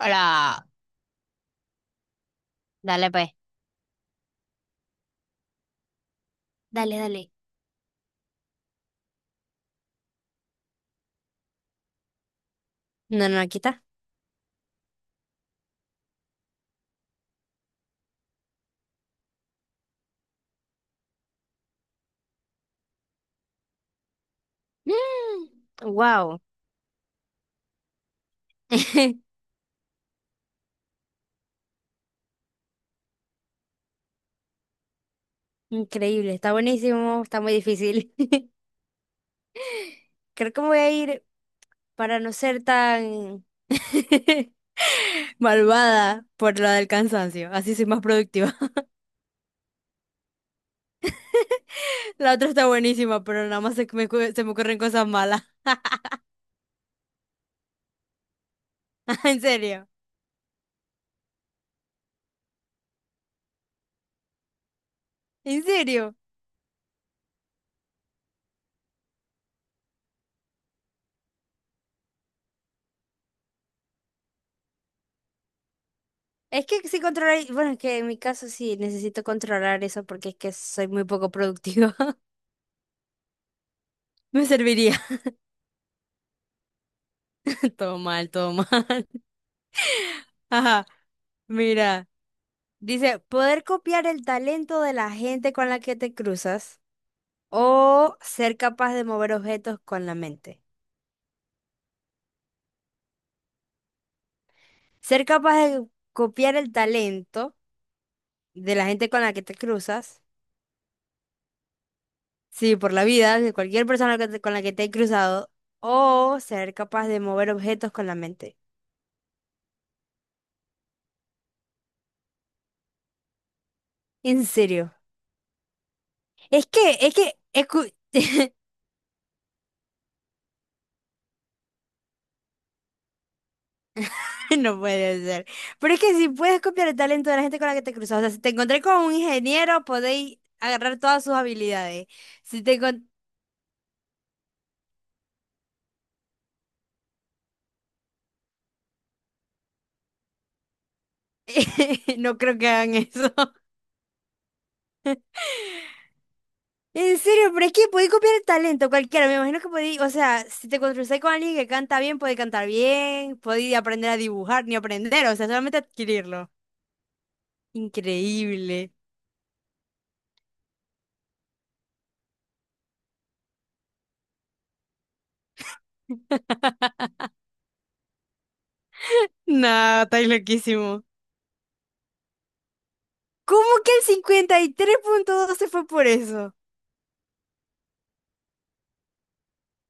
Hola. Dale, pues. Dale, dale. No, no, aquí está. Wow. Increíble. Está buenísimo. Está muy difícil. Creo que me voy a ir para no ser tan malvada por la del cansancio. Así soy más productiva. La otra está buenísima, pero nada más se me ocurren cosas malas. En serio. En serio. Es que sí controlar, bueno, es que en mi caso sí necesito controlar eso porque es que soy muy poco productiva. Me serviría. Todo mal, todo mal. Ajá, mira. Dice, poder copiar el talento de la gente con la que te cruzas o ser capaz de mover objetos con la mente. Ser capaz de copiar el talento de la gente con la que te cruzas, sí, por la vida, de cualquier persona con la que te he cruzado, o ser capaz de mover objetos con la mente. En serio. Es que, no puede ser. Pero es que si puedes copiar el talento de la gente con la que te cruzas, o sea, si te encontré con un ingeniero, podéis agarrar todas sus habilidades. Si te encon- No creo que hagan eso. En serio, pero es que podéis copiar el talento cualquiera. Me imagino que podéis, o sea, si te cruzáis con alguien que canta bien, podéis cantar bien, podéis aprender a dibujar, ni aprender, o sea, solamente adquirirlo. Increíble. No, estáis loquísimo. ¿Cómo que el 53,2 se fue por eso?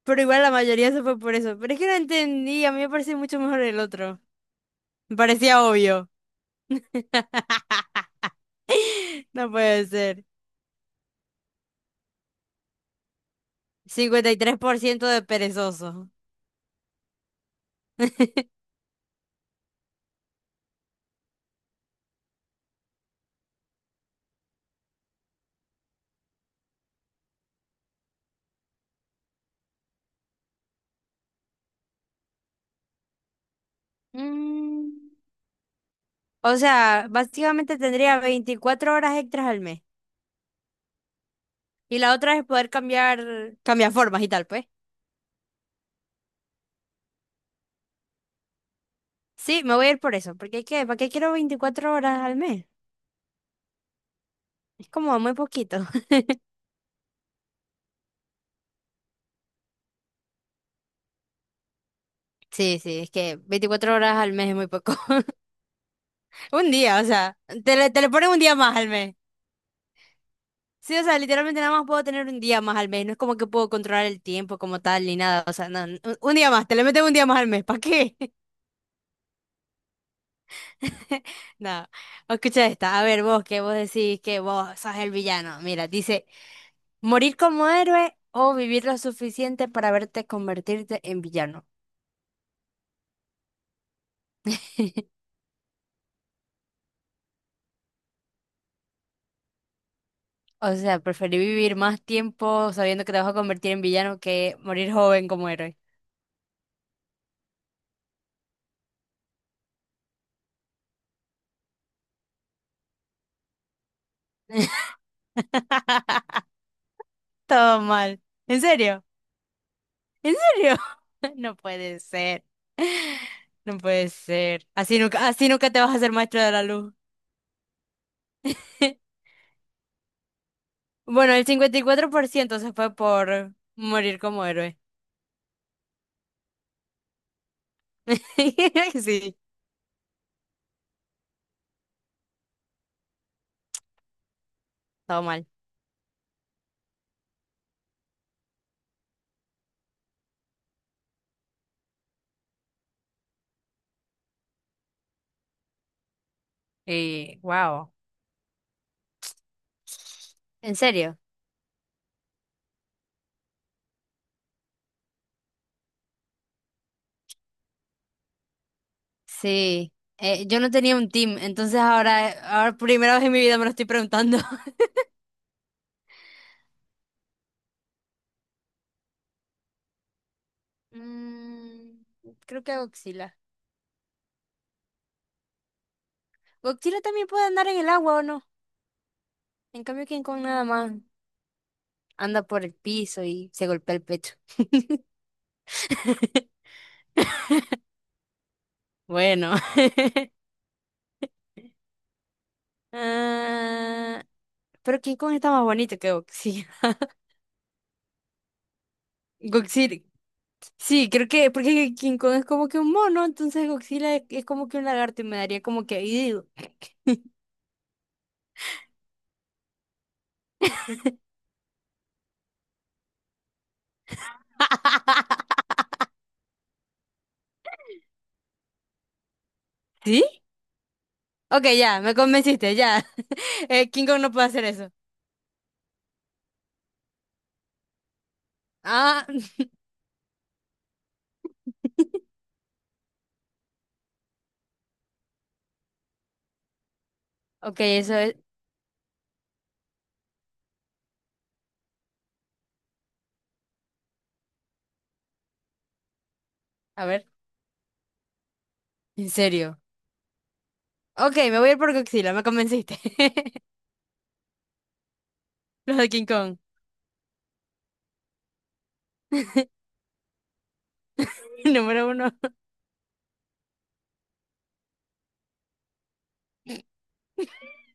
Pero igual la mayoría se fue por eso. Pero es que no entendí, a mí me parecía mucho mejor el otro. Me parecía obvio. No puede ser. 53% de perezoso. Mm. O sea, básicamente tendría 24 horas extras al mes. Y la otra es poder cambiar, cambiar formas y tal, pues. Sí, me voy a ir por eso. Porque ¿qué? ¿Para qué quiero 24 horas al mes? Es como muy poquito. Sí, sí, es que 24 horas al mes es muy poco. Un día, o sea, te le ponen un día más al mes. Sí, o sea, literalmente nada más puedo tener un día más al mes. No es como que puedo controlar el tiempo como tal ni nada. O sea, no, un día más, te le meten un día más al mes. ¿Para qué? No. Escucha esta. A ver, vos que vos decís que vos sos el villano. Mira, dice, morir como héroe o vivir lo suficiente para verte convertirte en villano. O sea, preferí vivir más tiempo sabiendo que te vas a convertir en villano que morir joven como héroe. Todo mal. ¿En serio? ¿En serio? No puede ser. No puede ser. Así nunca te vas a hacer maestro de la luz. Bueno, el 54% se fue por morir como héroe. Sí, todo mal. Y, wow. ¿En serio? Sí. Yo no tenía un team, entonces ahora primera vez en mi vida me lo estoy preguntando. Mm, Creo que Godzilla. Godzilla también puede andar en el agua, ¿o no? En cambio, King Kong nada más anda por el piso y se golpea el pecho. Bueno. Ah, pero King Kong está más bonito que Godzilla. Godzilla. Sí, creo que porque King Kong es como que un mono, entonces Godzilla es como que un lagarto y me daría como que... "Ew". ¿Sí? Ok, ya, me convenciste, ya. King Kong no puede hacer eso. Ah, ok, eso es... A ver, en serio. Ok, me voy a ir por Godzilla, me convenciste. Los de King Kong. Número uno.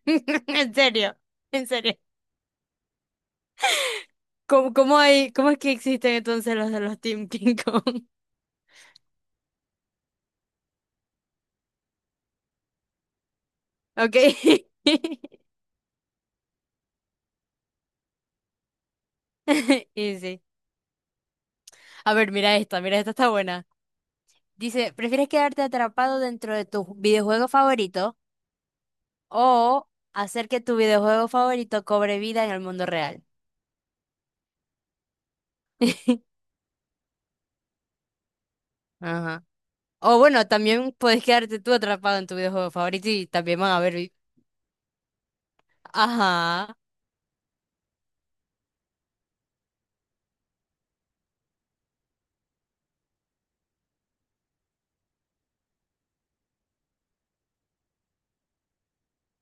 En serio, en serio. ¿Cómo es que existen entonces los de los Team King Kong? Ok. Y sí. A ver, mira esta está buena. Dice, ¿prefieres quedarte atrapado dentro de tu videojuego favorito o hacer que tu videojuego favorito cobre vida en el mundo real? Ajá. O bueno, también puedes quedarte tú atrapado en tu videojuego favorito y también van a ver. Ajá.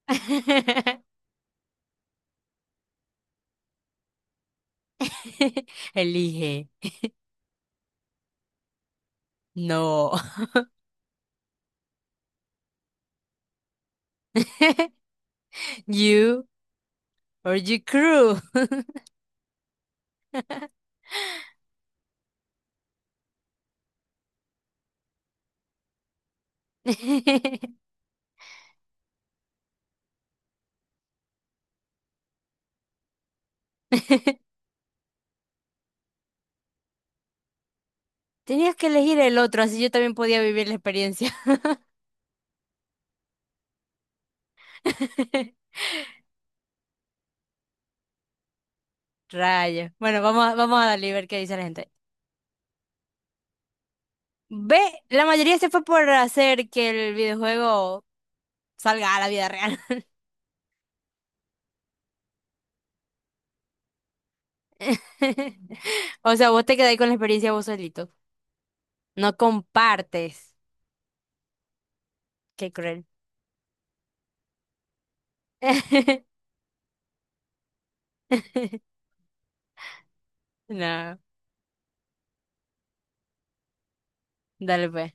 Elige. No. You or your crew. Tenías que elegir el otro, así yo también podía vivir la experiencia. Rayo. Bueno, vamos a darle y ver qué dice la gente. Ve, la mayoría se fue por hacer que el videojuego salga a la vida real. O sea, vos te quedáis con la experiencia vos solito. No compartes. Qué cruel. No, dale pues.